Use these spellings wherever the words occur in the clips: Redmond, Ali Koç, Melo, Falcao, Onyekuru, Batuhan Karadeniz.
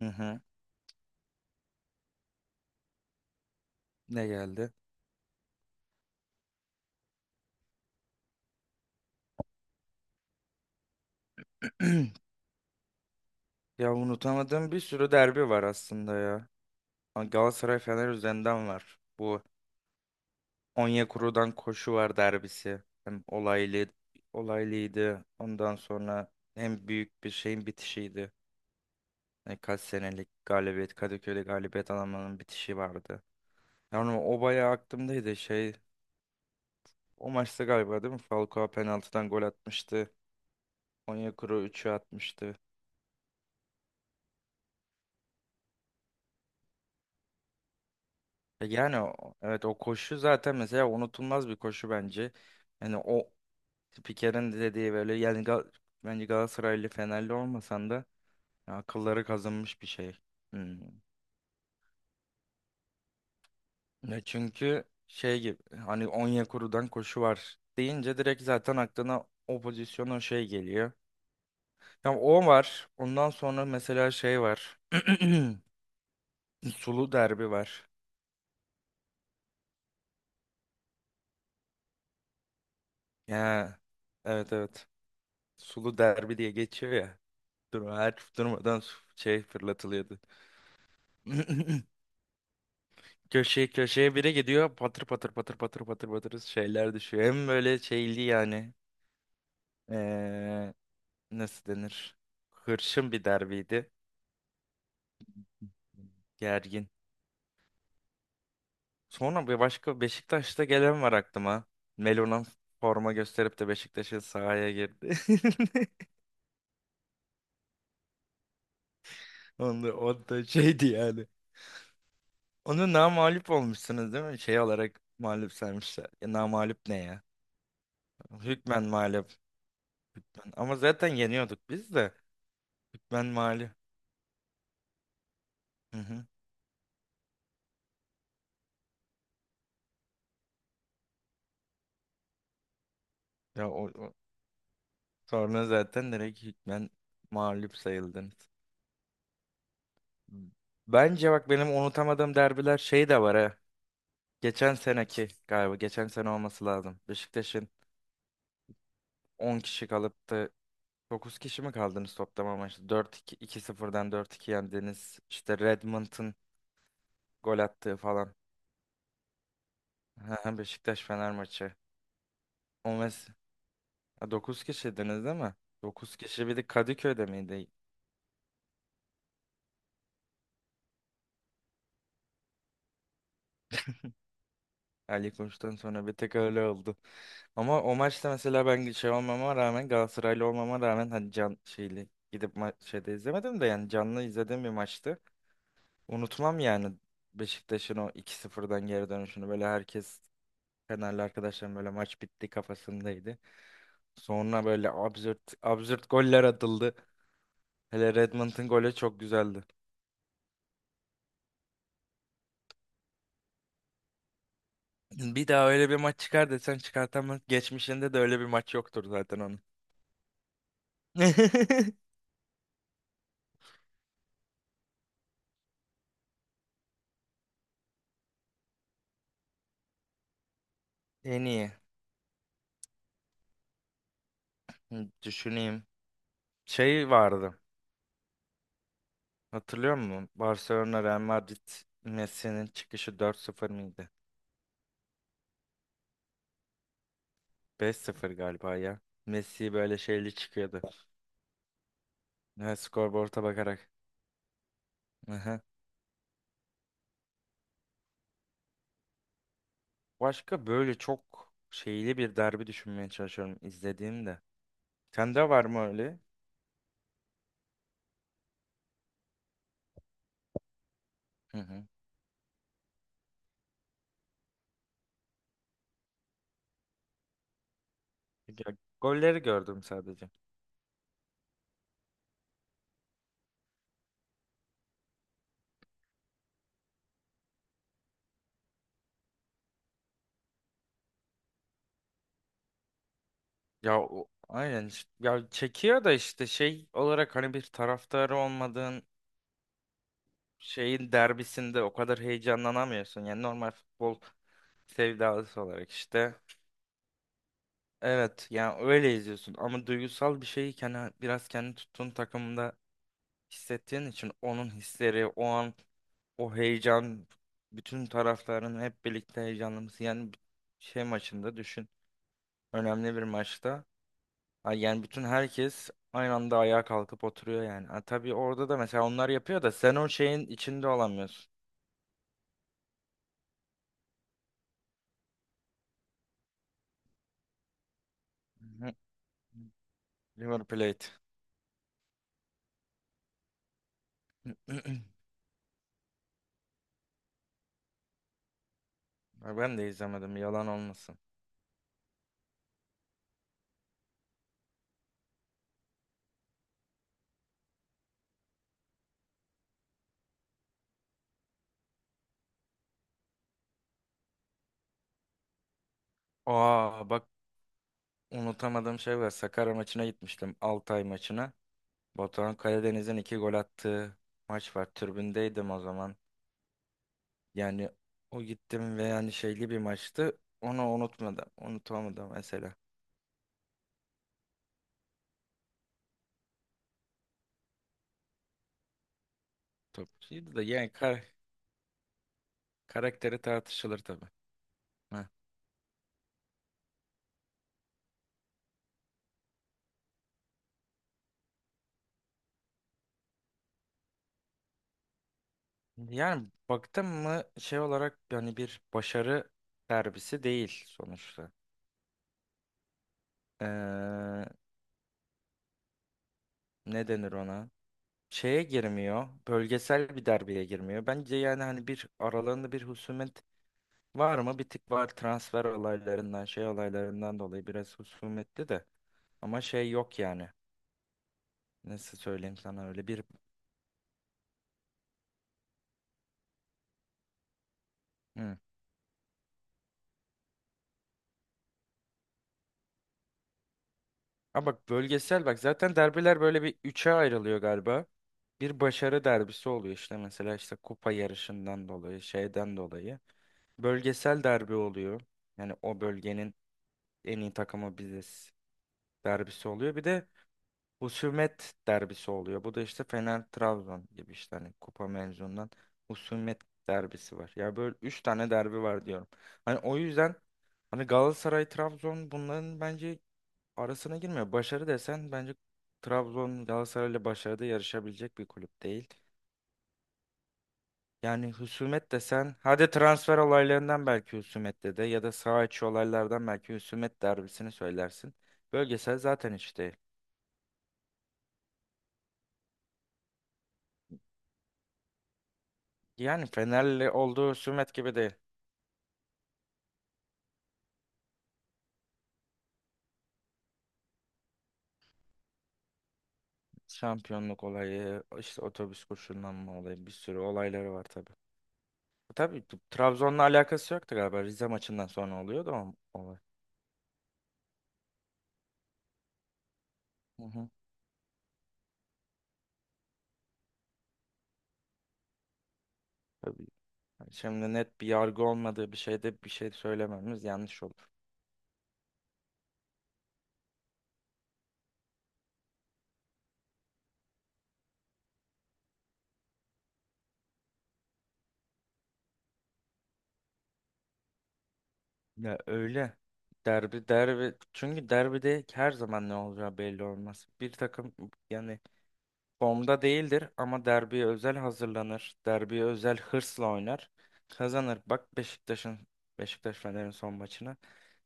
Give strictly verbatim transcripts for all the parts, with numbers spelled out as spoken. Hı hı. Ne geldi? Ya unutamadığım bir sürü derbi var aslında ya. Ha, Galatasaray Fener üzerinden var. Bu Onyekuru'dan koşu var derbisi. Hem olaylı olaylıydı. Ondan sonra hem büyük bir şeyin bitişiydi. Yani kaç senelik galibiyet Kadıköy'de galibiyet alamanın bitişi vardı. Yani o bayağı aklımdaydı şey. O maçta galiba değil mi? Falcao penaltıdan gol atmıştı. Onyekuru üçü atmıştı. E, Yani o- evet, o koşu zaten mesela unutulmaz bir koşu bence. Yani o Spiker'in de dediği böyle yani Gal bence Galatasaraylı Fenerli olmasan da ya akılları kazınmış bir şey. Hmm. Ya çünkü şey gibi hani Onyekuru'dan koşu var deyince direkt zaten aklına o pozisyon o şey geliyor. Ya o var. Ondan sonra mesela şey var. Sulu derbi var. Ya, evet, evet. Sulu derbi diye geçiyor ya. Dur, her durmadan su- şey fırlatılıyordu. Köşeye köşeye biri gidiyor patır patır patır patır patır patır şeyler düşüyor. Hem böyle şeyli yani ee, nasıl denir? Hırçın bir derbiydi. Gergin. Sonra bir başka Beşiktaş'ta gelen var aklıma. Melo'nun forma gösterip de Beşiktaş'ın sahaya girdi. Onda, o da şeydi yani. Onu namağlup olmuşsunuz değil mi? Şey olarak mağlup saymışlar. Ya, namağlup ne ya? Hükmen mağlup. Ama zaten yeniyorduk biz de. Hükmen mağlup. Hı hı. Ya, o, o- sonra zaten direkt hükmen mağlup sayıldınız. Bence bak benim unutamadığım derbiler şey de var ha. Geçen seneki galiba. Geçen sene olması lazım. Beşiktaş'ın on kişi kalıp da dokuz kişi mi kaldınız toplama maçta? Dört iki, iki sıfırdan dört iki yendiniz. İşte Redmond'ın gol attığı falan. Beşiktaş Fener maçı. O mes Dokuz kişiydiniz değil mi? Dokuz kişi bir de Kadıköy'de miydi? Ali Koç'tan sonra bir tek öyle oldu. Ama o maçta mesela ben şey olmama rağmen Galatasaraylı olmama rağmen hani can şeyli gidip ma- şeyde izlemedim de yani canlı izlediğim bir maçtı. Unutmam yani Beşiktaş'ın o iki sıfırdan geri dönüşünü, böyle herkes Fenerli arkadaşlarım böyle maç bitti kafasındaydı. Sonra böyle absürt absürt goller atıldı. Hele Redmond'un golü çok güzeldi. Bir daha öyle bir maç çıkar desen çıkartamaz. Geçmişinde de öyle bir maç yoktur zaten onun. En iyi. Hı, düşüneyim. Şey vardı. Hatırlıyor musun? Barcelona Real Madrid Messi'nin çıkışı dört sıfır mıydı? beş sıfır galiba ya. Messi böyle şeyli çıkıyordu. Ne skorboard'a bakarak. Aha. Başka böyle çok şeyli bir derbi düşünmeye çalışıyorum izlediğimde. Sende var mı öyle? Hı hı. Ya, golleri gördüm sadece. Ya o- aynen işte- ya çekiyor da işte şey olarak hani bir taraftarı olmadığın şeyin derbisinde o kadar heyecanlanamıyorsun. Yani normal futbol sevdalısı olarak işte. Evet yani öyle izliyorsun ama duygusal bir şeyi kendi, biraz kendi tuttuğun takımda hissettiğin için onun hisleri, o an o heyecan, bütün taraftarın hep birlikte heyecanlanması yani bir şey maçında düşün. Önemli bir maçta. Ha, yani bütün herkes aynı anda ayağa kalkıp oturuyor yani. Ha, tabii orada da mesela onlar yapıyor da sen o şeyin içinde olamıyorsun. Hı. River Plate. Ha, ben de izlemedim yalan olmasın. Aa, bak unutamadığım şey var. Sakarya maçına gitmiştim. Altay maçına. Batuhan Karadeniz'in iki gol attığı maç var. Tribündeydim o zaman. Yani o gittim ve yani şeyli bir maçtı. Onu unutmadım. Unutamadım mesela. Topçuydu da yani kar karakteri tartışılır tabii. Heh. Yani baktım mı şey olarak yani bir başarı derbisi değil sonuçta. Ee, Ne denir ona? Şeye girmiyor. Bölgesel bir derbeye girmiyor. Bence yani hani bir aralarında bir husumet var mı? Bir tık var transfer olaylarından, şey olaylarından dolayı biraz husumetli de. Ama şey yok yani. Nasıl söyleyeyim sana öyle bir... Hı. Ha, bak bölgesel bak zaten derbiler böyle bir üçe ayrılıyor galiba. Bir başarı derbisi oluyor işte mesela işte kupa yarışından dolayı şeyden dolayı. Bölgesel derbi oluyor. Yani o bölgenin en iyi takımı biziz derbisi oluyor. Bir de husumet derbisi oluyor. Bu da işte Fener Trabzon gibi işte hani kupa mevzundan husumet derbisi var. Ya böyle üç tane derbi var diyorum. Hani o yüzden hani Galatasaray Trabzon bunların bence arasına girmiyor. Başarı desen bence Trabzon Galatasaray ile başarıda yarışabilecek bir kulüp değil. Yani husumet desen hadi transfer olaylarından belki husumette de ya da saha içi olaylardan belki husumet derbisini söylersin. Bölgesel zaten hiç değil. Yani Fener'le olduğu husumet gibi değil. Şampiyonluk olayı, işte otobüs koşullanma olayı bir sürü olayları var tabii. E, Tabii, t- Trabzon'la alakası yoktu galiba. Rize maçından sonra oluyordu o olay. Hı hı. Tabii. Yani şimdi net bir yargı olmadığı bir şeyde bir şey söylememiz yanlış olur. Ya öyle. Derbi derbi çünkü derbide her zaman ne olacağı belli olmaz. Bir takım yani formda değildir ama derbiye özel hazırlanır. Derbiye özel hırsla oynar. Kazanır. Bak Beşiktaş'ın Beşiktaş Fener'in son maçına.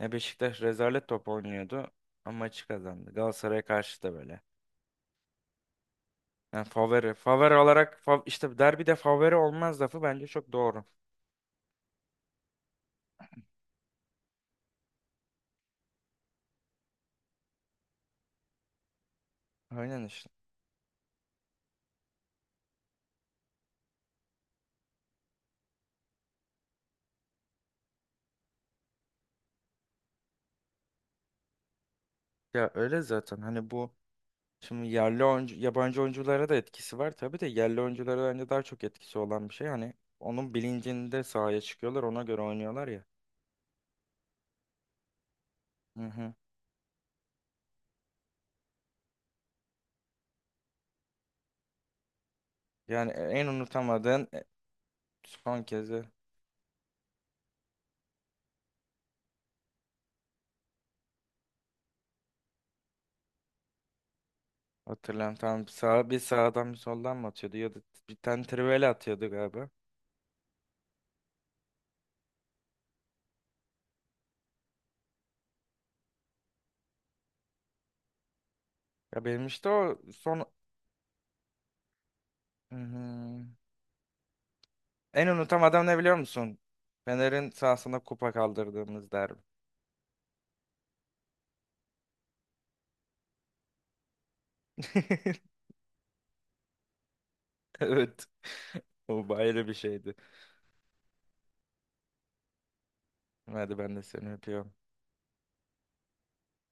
Ya Beşiktaş rezalet top oynuyordu ama maçı kazandı. Galatasaray'a karşı da böyle. Yani favori. Favori olarak fav işte derbide favori olmaz lafı bence çok doğru. Aynen işte. Ya öyle zaten hani bu şimdi yerli oyuncu yabancı oyunculara da etkisi var tabii de yerli oyunculara bence daha çok etkisi olan bir şey. Hani onun bilincinde sahaya çıkıyorlar ona göre oynuyorlar ya. Hı hı. Yani e, en unutamadığın e, son kezi hatırlayan tam sağa bir sağdan bir soldan mı atıyordu ya da bir tane trivela atıyordu galiba. Ya benim işte o son Hmm. en unutamadığım ne biliyor musun? Fener'in sahasına kupa kaldırdığımız derbi. Evet. O ayrı bir şeydi. Hadi ben de seni öpüyorum.